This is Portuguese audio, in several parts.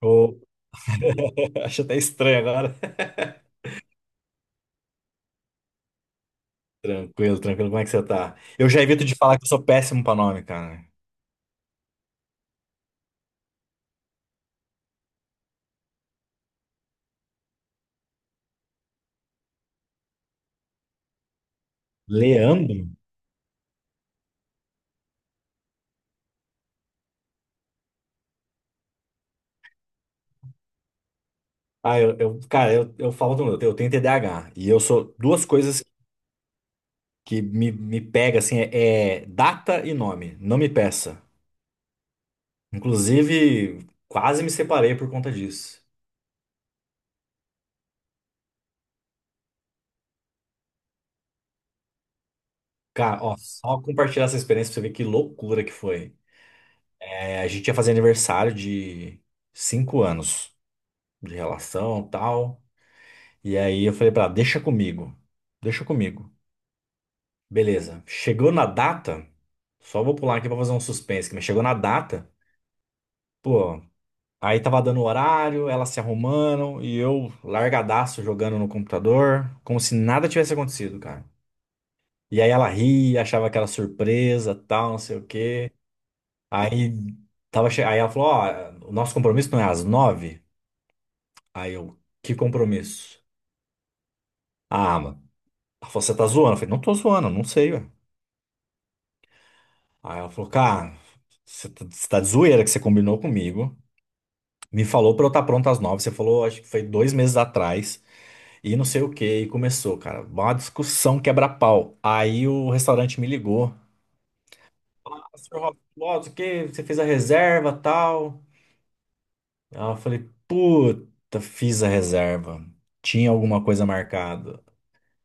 Ô, Acho até estranho agora. Tranquilo, tranquilo. Como é que você tá? Eu já evito de falar que eu sou péssimo pra nome, cara. Leandro? Ah, cara, eu falo do meu, eu tenho TDAH. E eu sou duas coisas que me pega assim, é data e nome. Não me peça. Inclusive, quase me separei por conta disso. Cara, ó, só compartilhar essa experiência pra você ver que loucura que foi. É, a gente ia fazer aniversário de 5 anos de relação, tal. E aí eu falei pra ela, deixa comigo, deixa comigo. Beleza. Chegou na data, só vou pular aqui pra fazer um suspense, mas chegou na data, pô, aí tava dando o horário, elas se arrumando e eu largadaço jogando no computador, como se nada tivesse acontecido, cara. E aí ela ria, achava aquela surpresa, tal, não sei o quê. Aí aí ela falou, ó, o nosso compromisso não é às 9h? Aí eu, que compromisso? Ah, mano. Ela falou, você tá zoando? Eu falei, não tô zoando, não sei, ué. Aí ela falou, cara, você tá de zoeira que você combinou comigo. Me falou pra eu estar pronto às 9h. Você falou, acho que foi 2 meses atrás. E não sei o que. E começou, cara. Uma discussão quebra-pau. Aí o restaurante me ligou. Ah, senhor Roberto, ó, o que? Você fez a reserva tal? Aí eu falei, puta, fiz a reserva. Tinha alguma coisa marcada.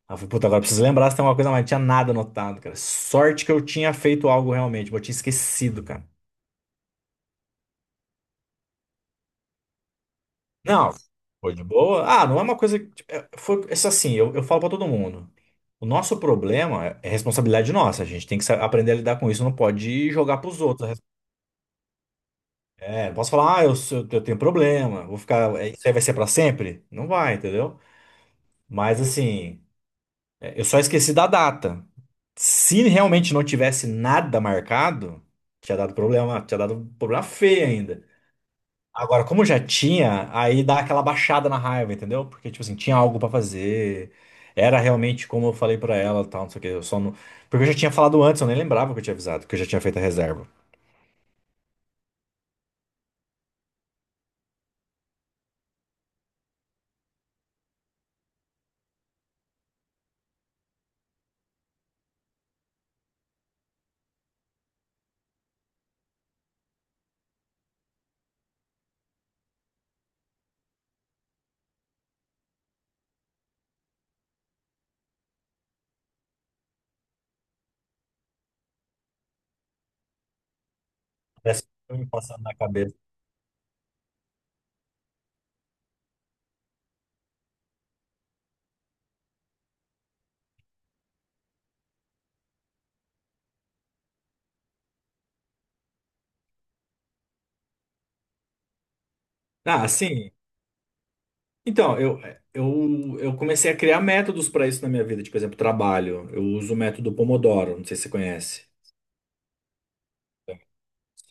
Aí eu falei, puta, agora preciso lembrar se tem alguma coisa, mas não tinha nada anotado, cara. Sorte que eu tinha feito algo realmente, mas eu tinha esquecido, cara. Não, foi de boa. Ah, não é uma coisa que, tipo, é, foi isso assim, eu falo pra todo mundo. O nosso problema é responsabilidade nossa. A gente tem que aprender a lidar com isso. Não pode jogar pros outros. É, não posso falar, ah, eu, eu tenho problema, vou ficar. Isso aí vai ser pra sempre? Não vai, entendeu? Mas assim, eu só esqueci da data. Se realmente não tivesse nada marcado, tinha dado problema feio ainda. Agora, como já tinha, aí dá aquela baixada na raiva, entendeu? Porque, tipo assim, tinha algo pra fazer. Era realmente como eu falei pra ela, tal, não sei o quê. Eu só não... Porque eu já tinha falado antes, eu nem lembrava que eu tinha avisado, que eu já tinha feito a reserva. Parece que foi me passando na cabeça. Ah, sim. Então, eu comecei a criar métodos pra isso na minha vida. Tipo, por exemplo, trabalho. Eu uso o método Pomodoro, não sei se você conhece.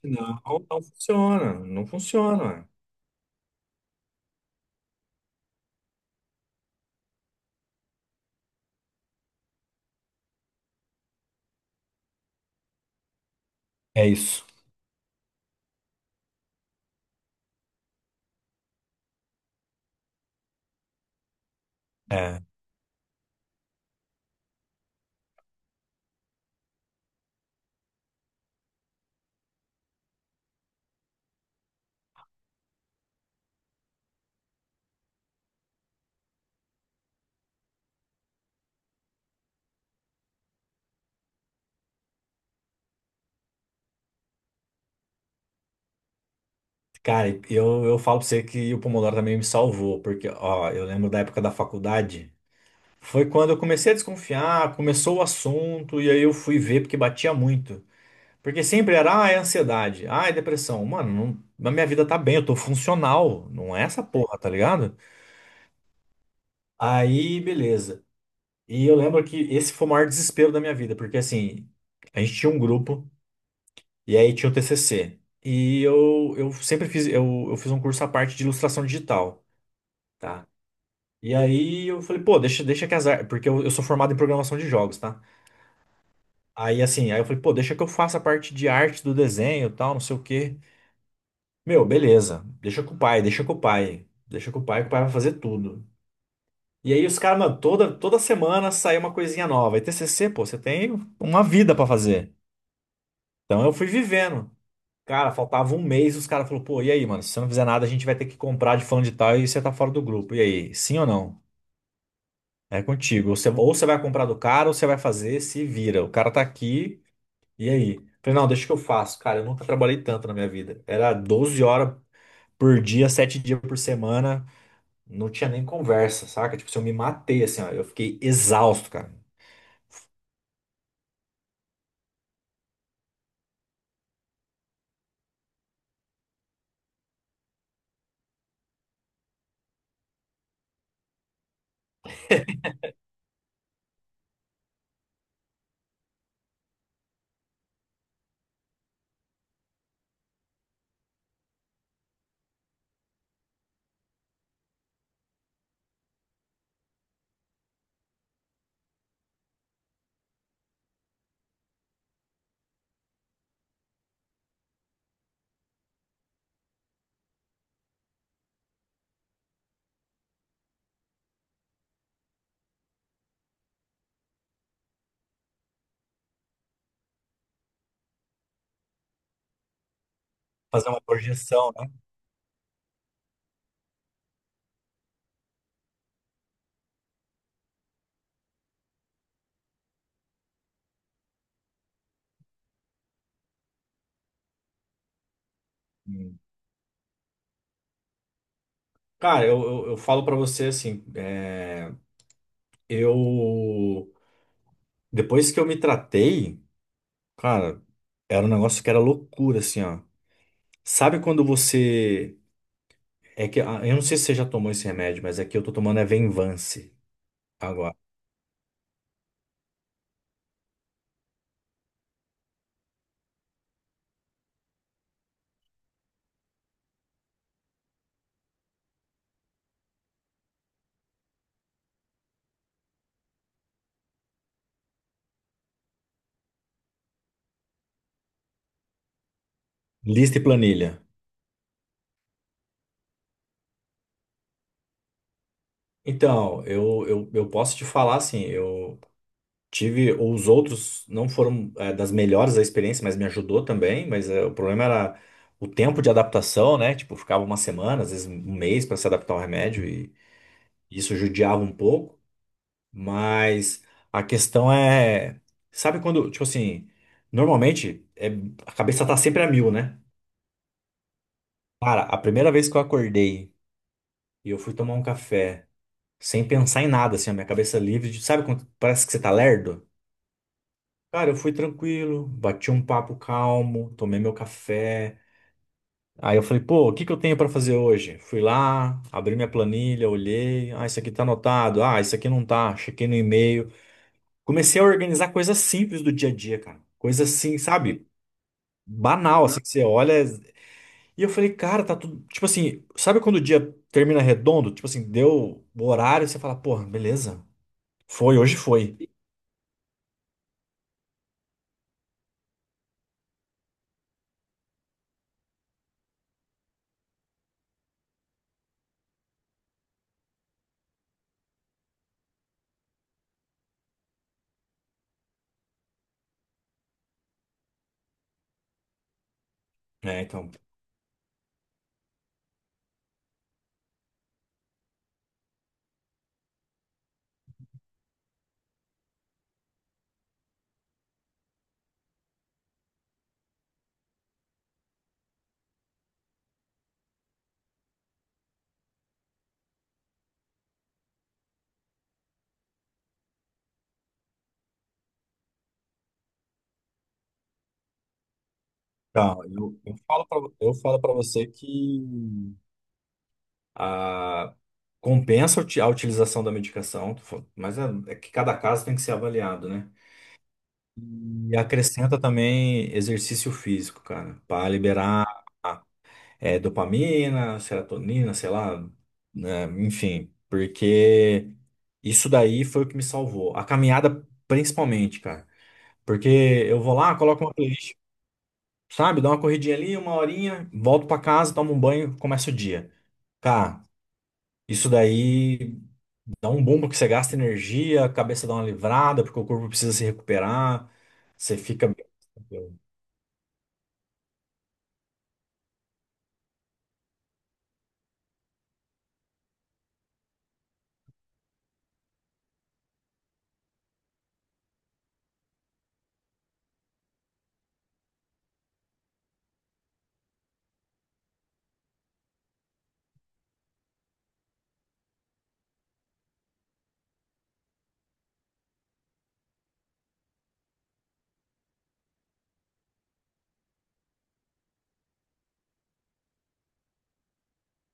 Não, não funciona. Não funciona. É isso. é Cara, eu falo pra você que o Pomodoro também me salvou, porque, ó, eu lembro da época da faculdade. Foi quando eu comecei a desconfiar, começou o assunto, e aí eu fui ver porque batia muito. Porque sempre era, ah, é ansiedade, ah, é depressão. Mano, não, na minha vida tá bem, eu tô funcional, não é essa porra, tá ligado? Aí, beleza. E eu lembro que esse foi o maior desespero da minha vida, porque assim, a gente tinha um grupo, e aí tinha o TCC. E eu sempre fiz, eu fiz um curso à parte de ilustração digital. Tá? E aí eu falei, pô, deixa, deixa que as artes. Porque eu sou formado em programação de jogos, tá? Aí assim, aí eu falei, pô, deixa que eu faça a parte de arte do desenho e tal, não sei o quê. Meu, beleza. Deixa com o pai, deixa com o pai. Deixa com o pai, que o pai vai fazer tudo. E aí os caras, mano, toda semana sai uma coisinha nova. E TCC, pô, você tem uma vida pra fazer. Então eu fui vivendo. Cara, faltava um mês, os caras falaram, pô, e aí, mano, se você não fizer nada, a gente vai ter que comprar de fulano de tal e você tá fora do grupo. E aí, sim ou não? É contigo. Ou você vai comprar do cara, ou você vai fazer, se vira. O cara tá aqui, e aí? Falei, não, deixa que eu faço. Cara, eu nunca trabalhei tanto na minha vida. Era 12 horas por dia, 7 dias por semana. Não tinha nem conversa, saca? Tipo, se eu me matei, assim, ó. Eu fiquei exausto, cara. Fazer uma projeção, né? Hum. Cara, eu falo pra você, assim, é, eu... Depois que eu me tratei, cara, era um negócio que era loucura, assim, ó. Sabe quando você. É que, ah, eu não sei se você já tomou esse remédio, mas aqui eu tô tomando é Venvance agora. Lista e planilha. Então, eu posso te falar assim, eu tive os outros não foram das melhores da experiência, mas me ajudou também, mas o problema era o tempo de adaptação, né? Tipo, ficava uma semana, às vezes um mês para se adaptar ao remédio e isso judiava um pouco, mas a questão é, sabe quando, tipo assim, normalmente a cabeça tá sempre a mil, né? Cara, a primeira vez que eu acordei e eu fui tomar um café sem pensar em nada, assim, a minha cabeça livre, sabe quando parece que você tá lerdo? Cara, eu fui tranquilo, bati um papo calmo, tomei meu café. Aí eu falei, pô, o que que eu tenho pra fazer hoje? Fui lá, abri minha planilha, olhei, ah, isso aqui tá anotado, ah, isso aqui não tá, chequei no e-mail. Comecei a organizar coisas simples do dia a dia, cara. Coisas assim, sabe? Banal, assim, que você olha. E eu falei, cara, tá tudo. Tipo assim, sabe quando o dia termina redondo? Tipo assim, deu o horário, você fala, porra, beleza. Foi, hoje foi. Né, então. Tá, eu falo pra, eu falo para você que a, compensa a utilização da medicação, mas é que cada caso tem que ser avaliado, né? E acrescenta também exercício físico, cara, para liberar. Dopamina, serotonina, sei lá, né, enfim, porque isso daí foi o que me salvou. A caminhada, principalmente, cara. Porque eu vou lá, coloco uma playlist, sabe? Dá uma corridinha ali, uma horinha, volto pra casa, tomo um banho, começa o dia. Cara, isso daí dá um bom porque você gasta energia, a cabeça dá uma livrada, porque o corpo precisa se recuperar, você fica.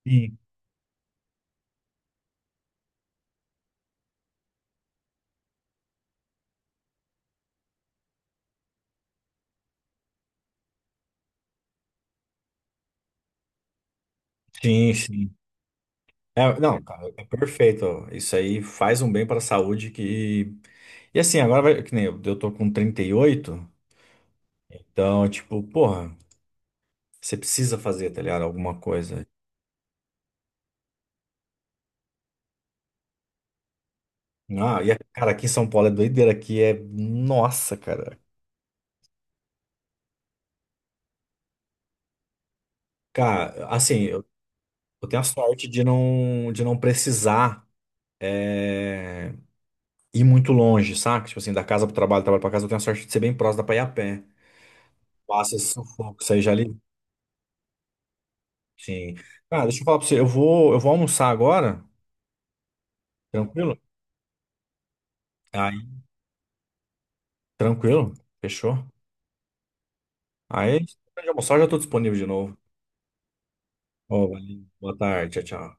Sim, sim, sim. É, não, cara, é perfeito. Isso aí faz um bem para a saúde que. E assim, agora vai, que nem eu tô com 38, então, tipo, porra, você precisa fazer, tá ligado? Alguma coisa. Ah, e, cara, aqui em São Paulo é doideira, aqui é. Nossa, cara. Cara, assim, eu tenho a sorte de não, precisar é, ir muito longe, saca? Tipo assim, da casa pro trabalho, do trabalho pra casa, eu tenho a sorte de ser bem próximo, da pra ir a pé. Passa esse sufoco, isso aí já. Sim. Cara, deixa eu falar pra você. Eu vou almoçar agora. Tranquilo? Aí, tranquilo? Fechou? Aí, depois de almoçar, eu já tô disponível de novo. Ó, valeu. Boa tarde. Tchau, tchau.